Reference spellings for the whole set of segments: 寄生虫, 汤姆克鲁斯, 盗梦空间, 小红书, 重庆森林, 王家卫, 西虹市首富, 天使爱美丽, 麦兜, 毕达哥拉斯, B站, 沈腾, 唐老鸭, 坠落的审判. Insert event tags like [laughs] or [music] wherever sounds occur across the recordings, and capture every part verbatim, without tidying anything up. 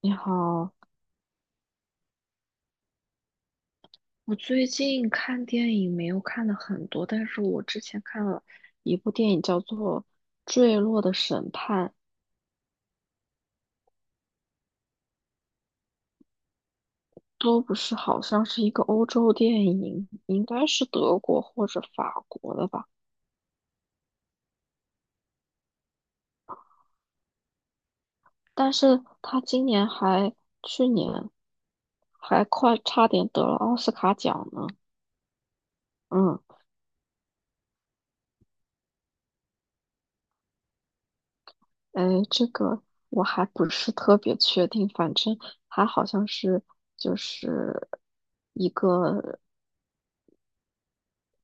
你好，我最近看电影没有看的很多，但是我之前看了一部电影叫做《坠落的审判》，都不是，好像是一个欧洲电影，应该是德国或者法国的吧。但是他今年还，去年还快差点得了奥斯卡奖呢。嗯，哎，这个我还不是特别确定，反正它好像是就是一个。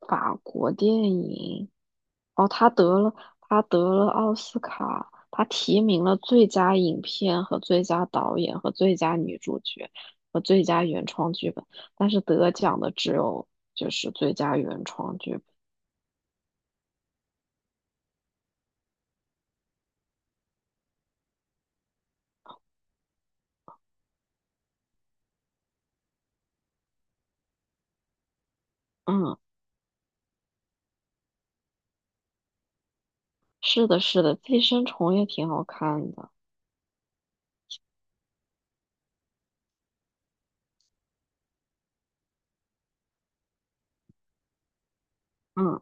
法国电影，哦，他得了，他得了奥斯卡，他提名了最佳影片和最佳导演和最佳女主角和最佳原创剧本，但是得奖的只有就是最佳原创剧本。嗯，是的，是的，《寄生虫》也挺好看的。嗯。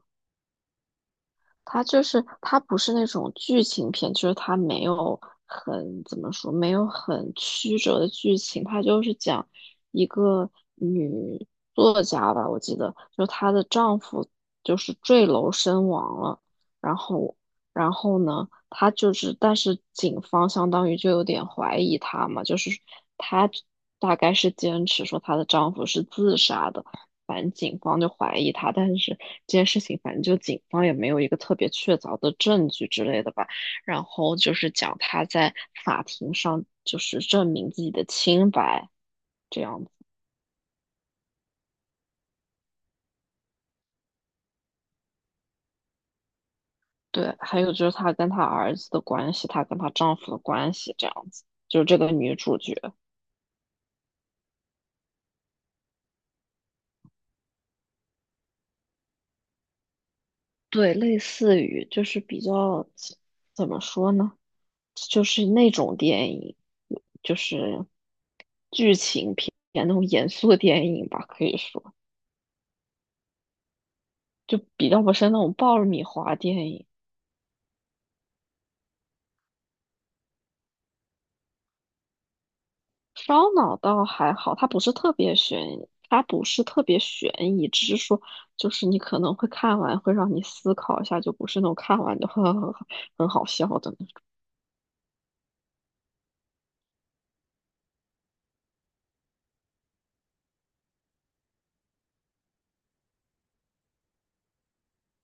它就是它不是那种剧情片，就是它没有很怎么说，没有很曲折的剧情，它就是讲一个女作家吧，我记得，就她的丈夫就是坠楼身亡了，然后然后呢，她就是，但是警方相当于就有点怀疑她嘛，就是她大概是坚持说她的丈夫是自杀的。反正警方就怀疑他，但是这件事情反正就警方也没有一个特别确凿的证据之类的吧。然后就是讲他在法庭上就是证明自己的清白这样子。对，还有就是她跟她儿子的关系，她跟她丈夫的关系这样子，就是这个女主角。对，类似于就是比较怎么说呢，就是那种电影，就是剧情片那种严肃的电影吧，可以说。就比较不是那种爆米花电影，烧脑倒还好，它不是特别悬疑，它不是特别悬疑，只是说就是你可能会看完会让你思考一下，就不是那种看完就 [laughs] 呵呵呵很好笑的那种，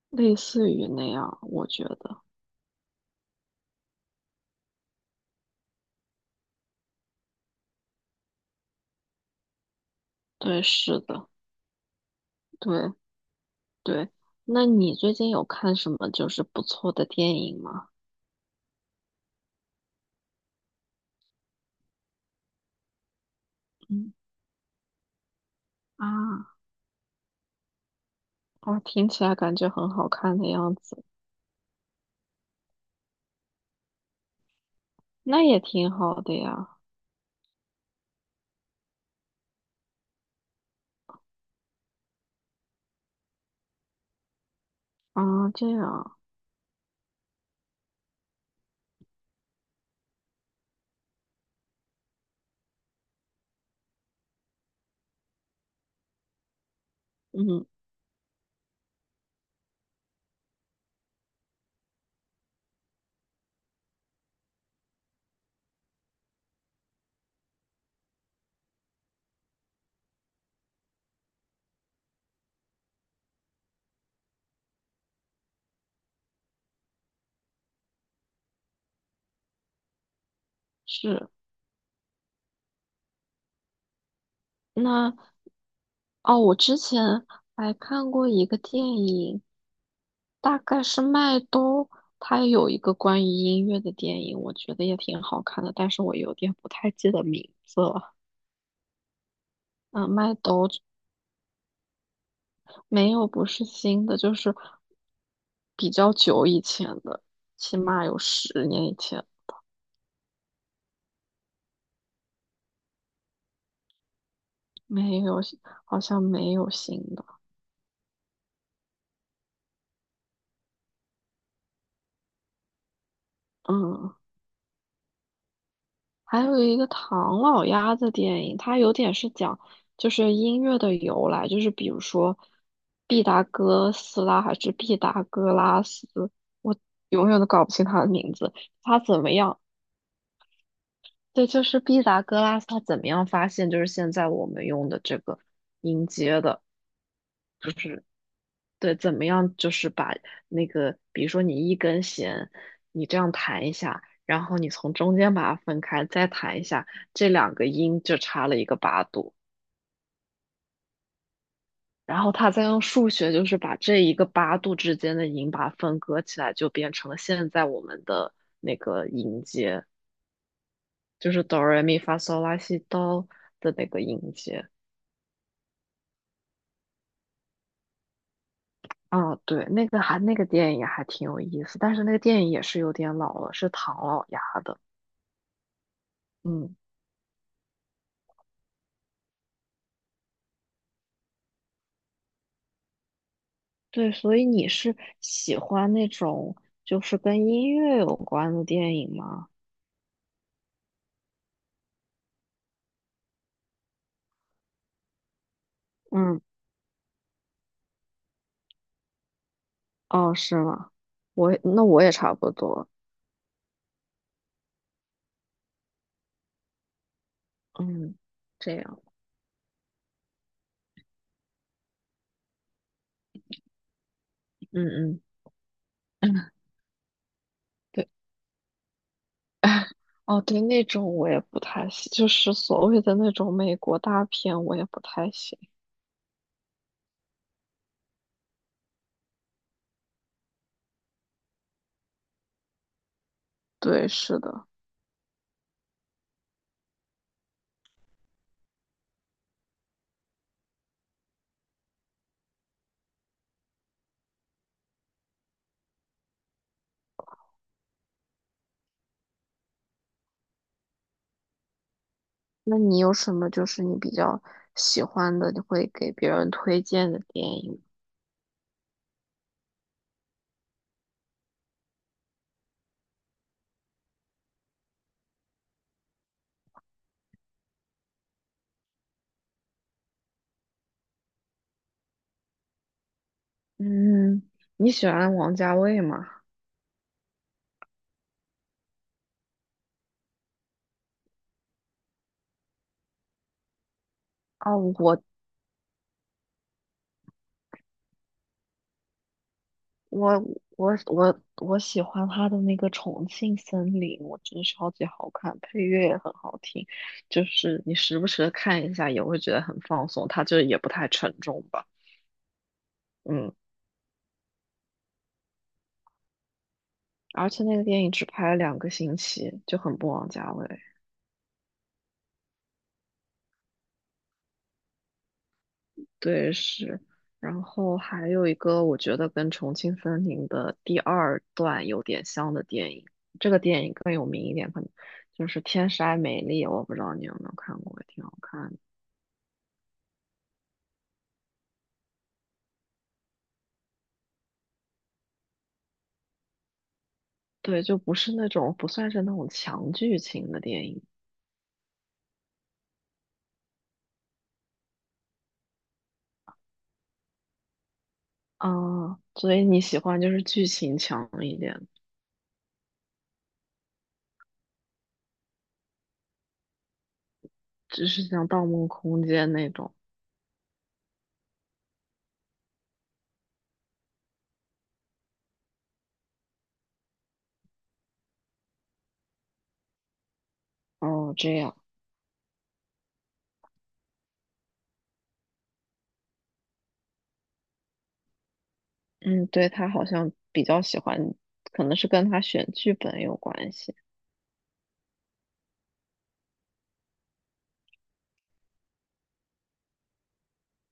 类似于那样，我觉得，对，是的，对对。那你最近有看什么就是不错的电影吗？嗯啊，哦，听起来感觉很好看的样子，那也挺好的呀。啊，这样，嗯。是，那哦，我之前还看过一个电影，大概是麦兜，它有一个关于音乐的电影，我觉得也挺好看的，但是我有点不太记得名字了。嗯，麦兜没有不是新的，就是比较久以前的，起码有十年以前，没有，好像没有新的。嗯。还有一个唐老鸭的电影，它有点是讲就是音乐的由来，就是比如说毕达哥斯拉还是毕达哥拉斯，我永远都搞不清他的名字。他怎么样？对，就是毕达哥拉斯，他怎么样发现就是现在我们用的这个音阶的？就是。对，怎么样就是把那个，比如说你一根弦，你这样弹一下，然后你从中间把它分开，再弹一下，这两个音就差了一个八度，然后他再用数学就是把这一个八度之间的音把它分割起来，就变成了现在我们的那个音阶，就是哆来咪发嗦拉西哆的那个音阶。啊，对，那个还那个电影还挺有意思，但是那个电影也是有点老了，是唐老鸭的，嗯。对，所以你是喜欢那种就是跟音乐有关的电影吗？嗯，哦，是吗？我那我也差不多，嗯，这样，嗯嗯，对，哦对，那种我也不太喜，就是所谓的那种美国大片，我也不太喜。对，是的。那你有什么就是你比较喜欢的，你会给别人推荐的电影？嗯，你喜欢王家卫吗？啊，我我我我我喜欢他的那个《重庆森林》，我觉得超级好看，配乐也很好听，就是你时不时的看一下也会觉得很放松，它就也不太沉重吧，嗯，而且那个电影只拍了两个星期，就很不枉家卫，对是，然后还有一个我觉得跟《重庆森林》的第二段有点像的电影，这个电影更有名一点，可能就是《天使爱美丽》，我不知道你有没有看过，也挺好看。对，就不是那种不算是那种强剧情的电影啊，所以你喜欢就是剧情强一点，只是像《盗梦空间》那种。哦，这样，嗯，对，他好像比较喜欢，可能是跟他选剧本有关系。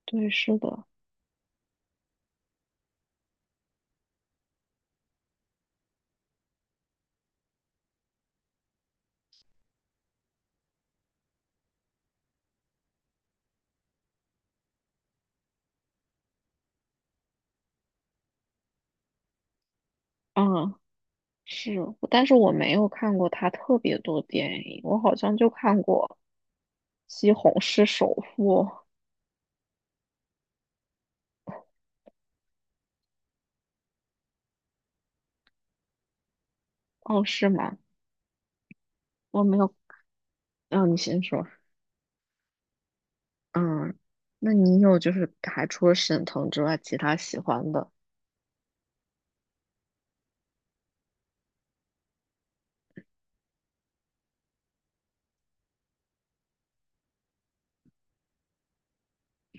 对，是的，啊，是，但是我没有看过他特别多电影，我好像就看过《西虹市首富》《哦，是吗？我没有，嗯，你先说。嗯，那你有就是还除了沈腾之外，其他喜欢的？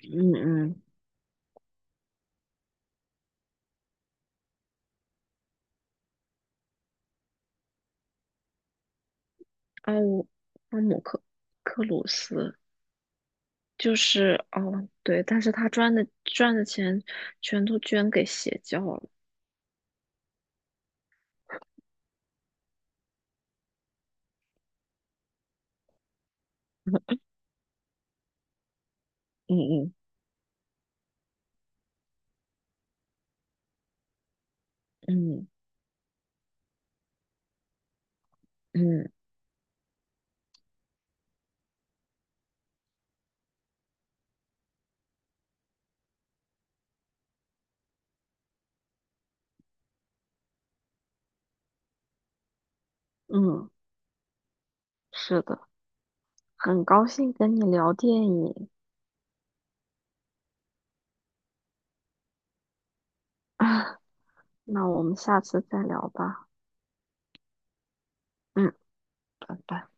嗯嗯，哦，汤姆克克鲁斯就是哦，对，但是他赚的赚的钱全都捐给邪教了。嗯嗯嗯嗯嗯，是的，很高兴跟你聊电影，[laughs] 啊，那我们下次再聊吧。嗯，拜拜。